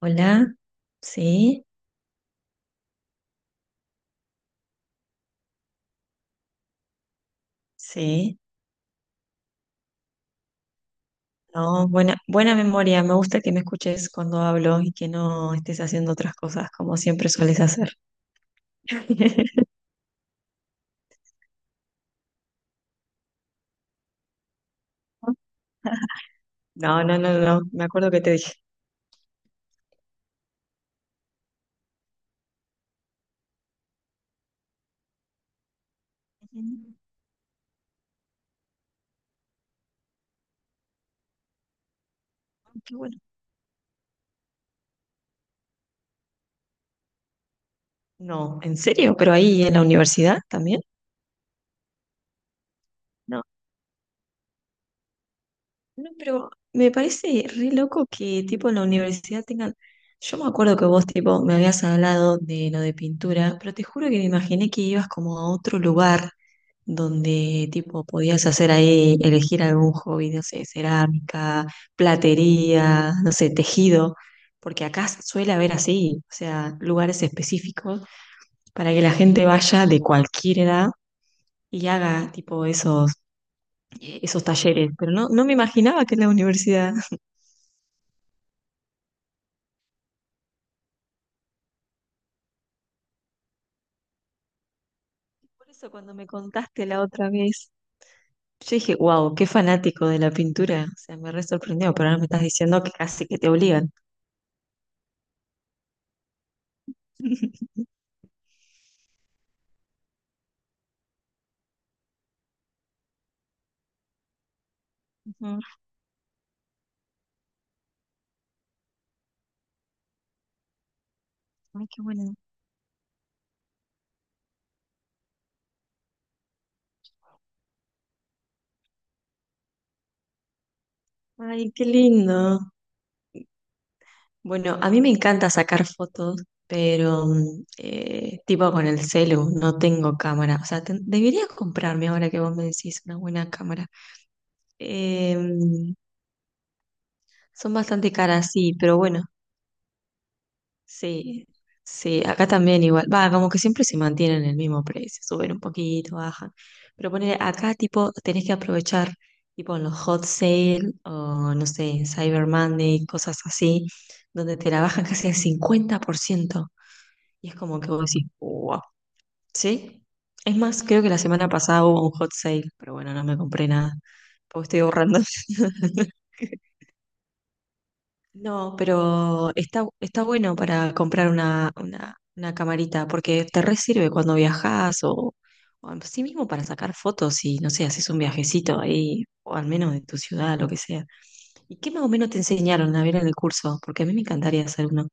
Hola, sí, sí. No, buena, buena memoria. Me gusta que me escuches cuando hablo y que no estés haciendo otras cosas como siempre sueles hacer. No, no, no, no. Me acuerdo que te dije. "Mm, Qué bueno. No, ¿en serio? ¿Pero ahí en la universidad también? No, pero me parece re loco que tipo en la universidad tengan. Yo me acuerdo que vos tipo me habías hablado de lo de pintura, pero te juro que me imaginé que ibas como a otro lugar donde tipo podías hacer ahí, elegir algún hobby, no sé, cerámica, platería, no sé, tejido, porque acá suele haber así, o sea, lugares específicos para que la gente vaya de cualquier edad y haga tipo esos talleres, pero no, no me imaginaba que en la universidad. Por eso cuando me contaste la otra vez, yo dije, wow, qué fanático de la pintura. O sea, me re sorprendió, pero ahora me estás diciendo que casi que te obligan. Ujú. Ay, qué bueno. Ay, qué lindo. Bueno, a mí me encanta sacar fotos, pero tipo con el celu, no tengo cámara. O sea, debería comprarme ahora que vos me decís una buena cámara. Em, son bastante caras, sí, pero bueno. Sí, sí, acá también igual. Va, como que siempre se mantienen el mismo precio, suben un poquito, bajan. Pero poner acá tipo tenés que aprovechar tipo en los hot sale o no sé, en Cyber Monday, cosas así, donde te la bajan casi al 50%. Y es como que vos decís, wow, ¿sí? Es más, creo que la semana pasada hubo un hot sale, pero bueno, no me compré nada, porque estoy ahorrando. No, pero está bueno para comprar una camarita, porque te re sirve cuando viajas o en sí mismo para sacar fotos y, no sé, haces un viajecito ahí, o al menos de tu ciudad, lo que sea. ¿Y qué más o menos te enseñaron a ver en el curso? Porque a mí me encantaría hacer uno.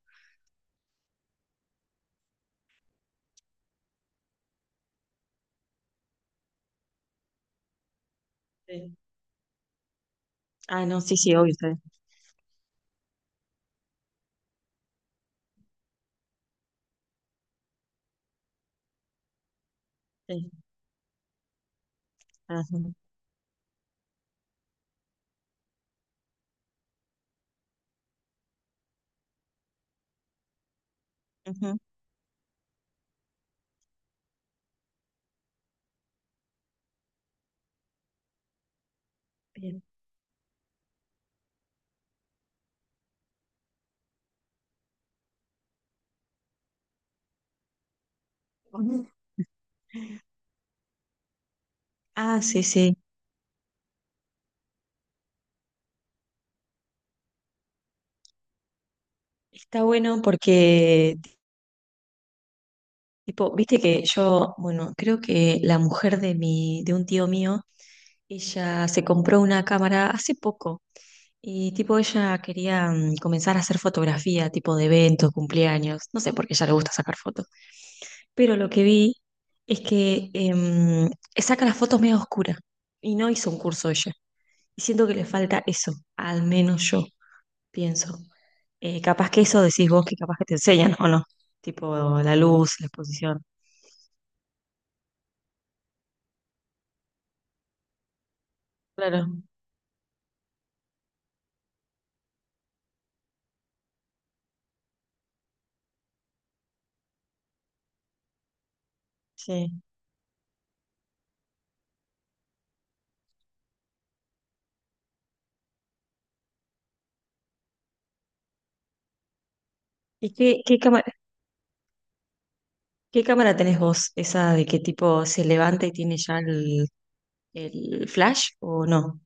Sí. Ah, no, sí, sí, obvio, está bien. Sí. Ajá. Ujú. Bien. Ah, sí, sí. Está bueno porque tipo, viste que yo, bueno, creo que la mujer de un tío mío, ella se compró una cámara hace poco y tipo ella quería comenzar a hacer fotografía, tipo de eventos, cumpleaños, no sé por qué a ella le gusta sacar fotos, pero lo que vi es que saca las fotos medio oscuras y no hizo un curso ella. Y siento que le falta eso, al menos yo pienso. Capaz que eso decís vos que capaz que te enseñan o no, tipo la luz, la exposición. Claro. Sí. ¿Y qué cámara tenés vos? ¿Esa de que tipo se levanta y tiene ya el flash o no?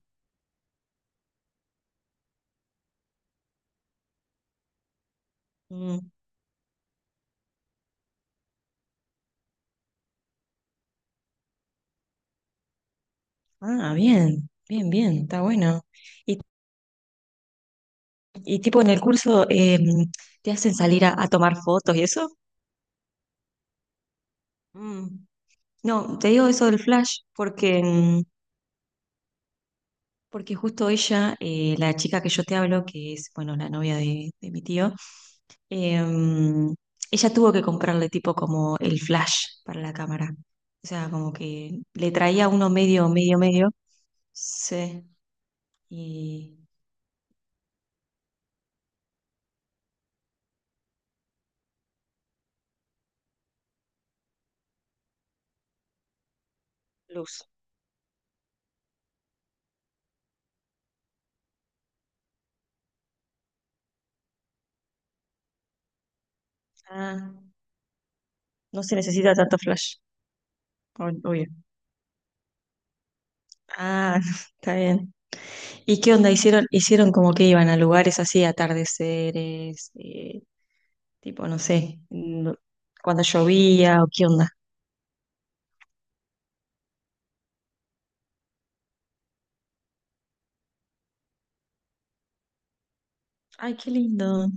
Mm. Ah, bien, bien, bien, está bueno. ¿Y, y tipo en el curso te hacen salir a tomar fotos y eso? Mm. No, te digo eso del flash porque porque justo ella, la chica que yo te hablo, que es, bueno, la novia de mi tío, em, ella tuvo que comprarle tipo como el flash para la cámara. O sea, como que le traía uno medio, medio, medio. Sí, y luz. Ah, no se necesita tanto flash, obvio. Ah, está bien. ¿Y qué onda? Hicieron como que iban a lugares así, atardeceres, tipo, no sé, cuando llovía o qué onda. Ay, qué lindo.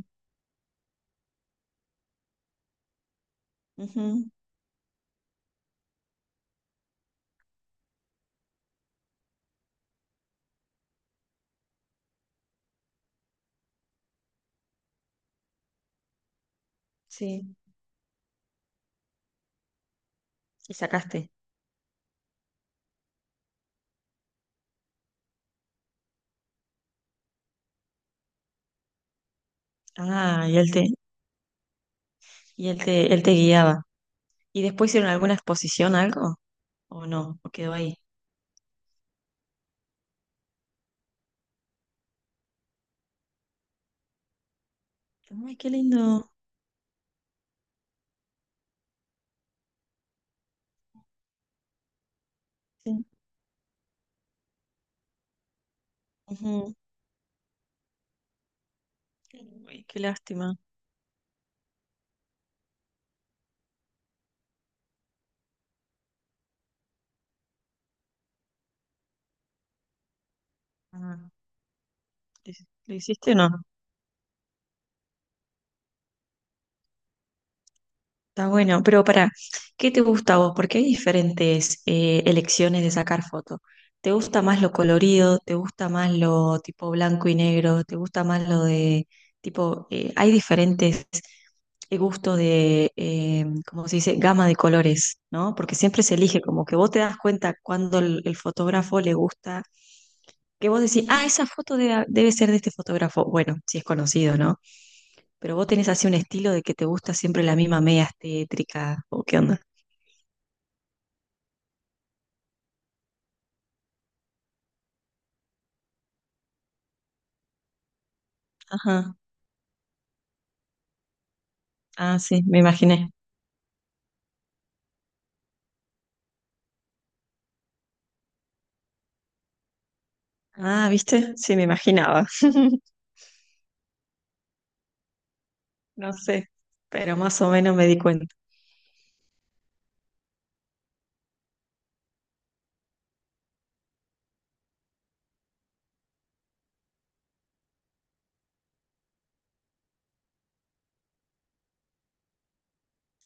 Ujú, sí. Y sacaste. Ah, él te guiaba. ¿Y después hicieron alguna exposición, algo? ¿O no? ¿O quedó ahí? Ay, qué lindo. Sí. Ujú. Ay, qué lástima. Ah, lo hiciste o no? Está bueno, pero ¿qué te gusta a vos? Porque hay diferentes elecciones de sacar foto. ¿Te gusta más lo colorido? ¿Te gusta más lo tipo blanco y negro? ¿Te gusta más lo de tipo, hay diferentes gustos ¿cómo se dice? Gama de colores, ¿no? Porque siempre se elige, como que vos te das cuenta cuando el fotógrafo le gusta, que vos decís, ah, esa foto debe ser de este fotógrafo. Bueno, si es conocido, ¿no? Pero vos tenés así un estilo de que te gusta siempre la misma media tétrica, ¿o qué onda? Ajá. Ah, sí, me imaginé. Ah, ¿viste? Sí, me imaginaba. No sé, pero más o menos me di cuenta.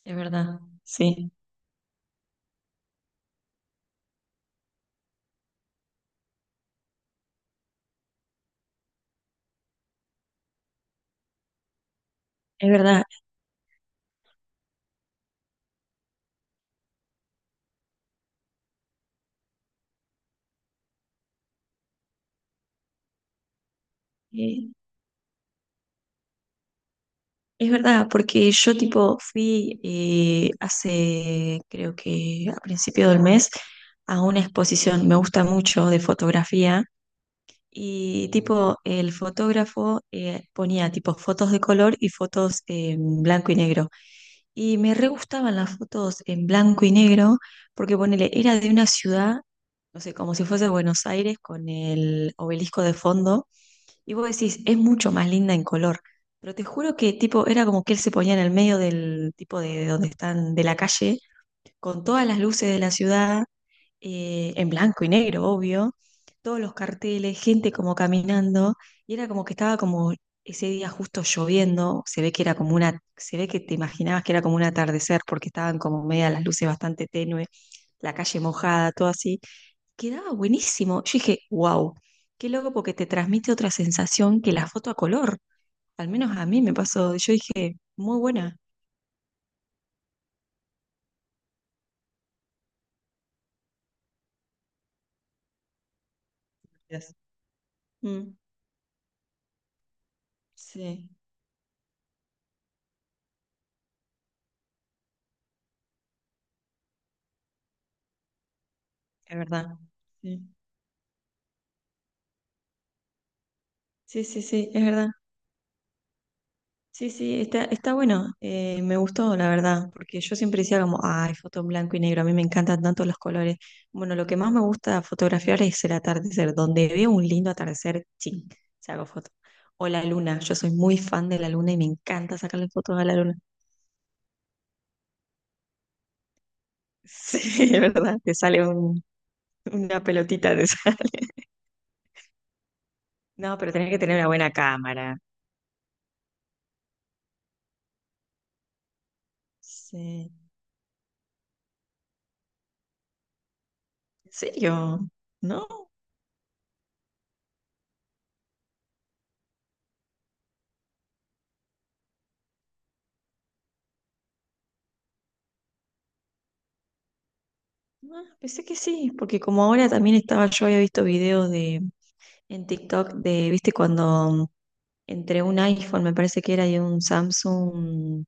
Es verdad, sí, es verdad. Eh, es verdad, porque yo tipo fui hace, creo que a principio del mes, a una exposición, me gusta mucho de fotografía. Y tipo, el fotógrafo ponía tipo fotos de color y fotos en blanco y negro. Y me re gustaban las fotos en blanco y negro porque ponele, era de una ciudad, no sé, como si fuese Buenos Aires con el obelisco de fondo. Y vos decís, es mucho más linda en color. Pero te juro que tipo, era como que él se ponía en el medio del tipo de donde están, de la calle, con todas las luces de la ciudad en blanco y negro, obvio, todos los carteles, gente como caminando, y era como que estaba como ese día justo lloviendo, se ve que era como una, se ve que te imaginabas que era como un atardecer, porque estaban como media las luces bastante tenue, la calle mojada, todo así, quedaba buenísimo. Yo dije, wow, qué loco porque te transmite otra sensación que la foto a color, al menos a mí me pasó, yo dije, muy buena. Gracias. Mm, sí, es verdad. Sí, sí, sí, sí, es verdad. Sí, sí, está bueno. Me gustó, la verdad, porque yo siempre decía como, ay, foto en blanco y negro, a mí me encantan tanto los colores. Bueno, lo que más me gusta fotografiar es el atardecer, donde veo un lindo atardecer, ching, se hago foto. O la luna, yo soy muy fan de la luna y me encanta sacarle fotos a la luna. Sí, es verdad, te sale una pelotita, te sale. No, pero tenés que tener una buena cámara. Sí. ¿En serio? ¿No? Ah, pensé que sí, porque como ahora también estaba, yo había visto videos de en TikTok de, viste, cuando entre un iPhone, me parece que era, y un Samsung,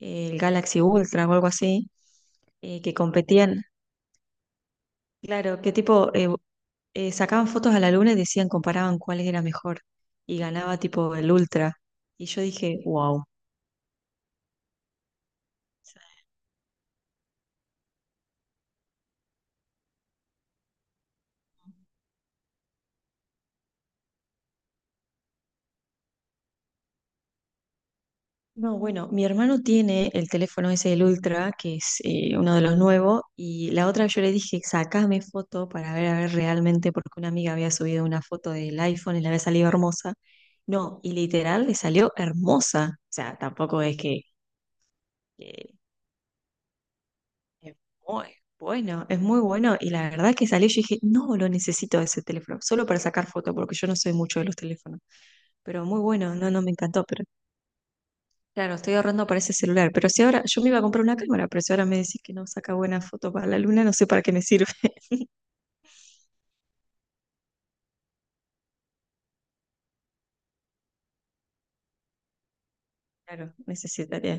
el Galaxy Ultra o algo así, que competían, claro, que tipo, sacaban fotos a la luna y decían, comparaban cuál era mejor, y ganaba tipo el Ultra. Y yo dije, wow. No, bueno, mi hermano tiene el teléfono ese el Ultra, que es uno de los nuevos, y la otra yo le dije, sacame foto para ver a ver realmente, porque una amiga había subido una foto del iPhone y le había salido hermosa. No, y literal le salió hermosa. O sea, tampoco es que eh, es muy bueno, es muy bueno. Y la verdad que salió, yo dije, no, lo necesito ese teléfono, solo para sacar foto, porque yo no soy mucho de los teléfonos. Pero muy bueno, no, no me encantó, pero claro, estoy ahorrando para ese celular, pero si ahora yo me iba a comprar una cámara, pero si ahora me decís que no saca buenas fotos para la luna, no sé para qué me sirve. Claro, necesitaría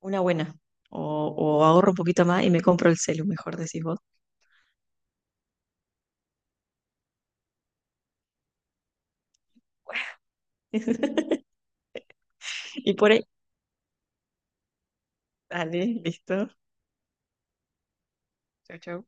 una buena. O ahorro un poquito más y me compro el celu, mejor decís vos. Y por ahí, dale, listo. Chau, chau.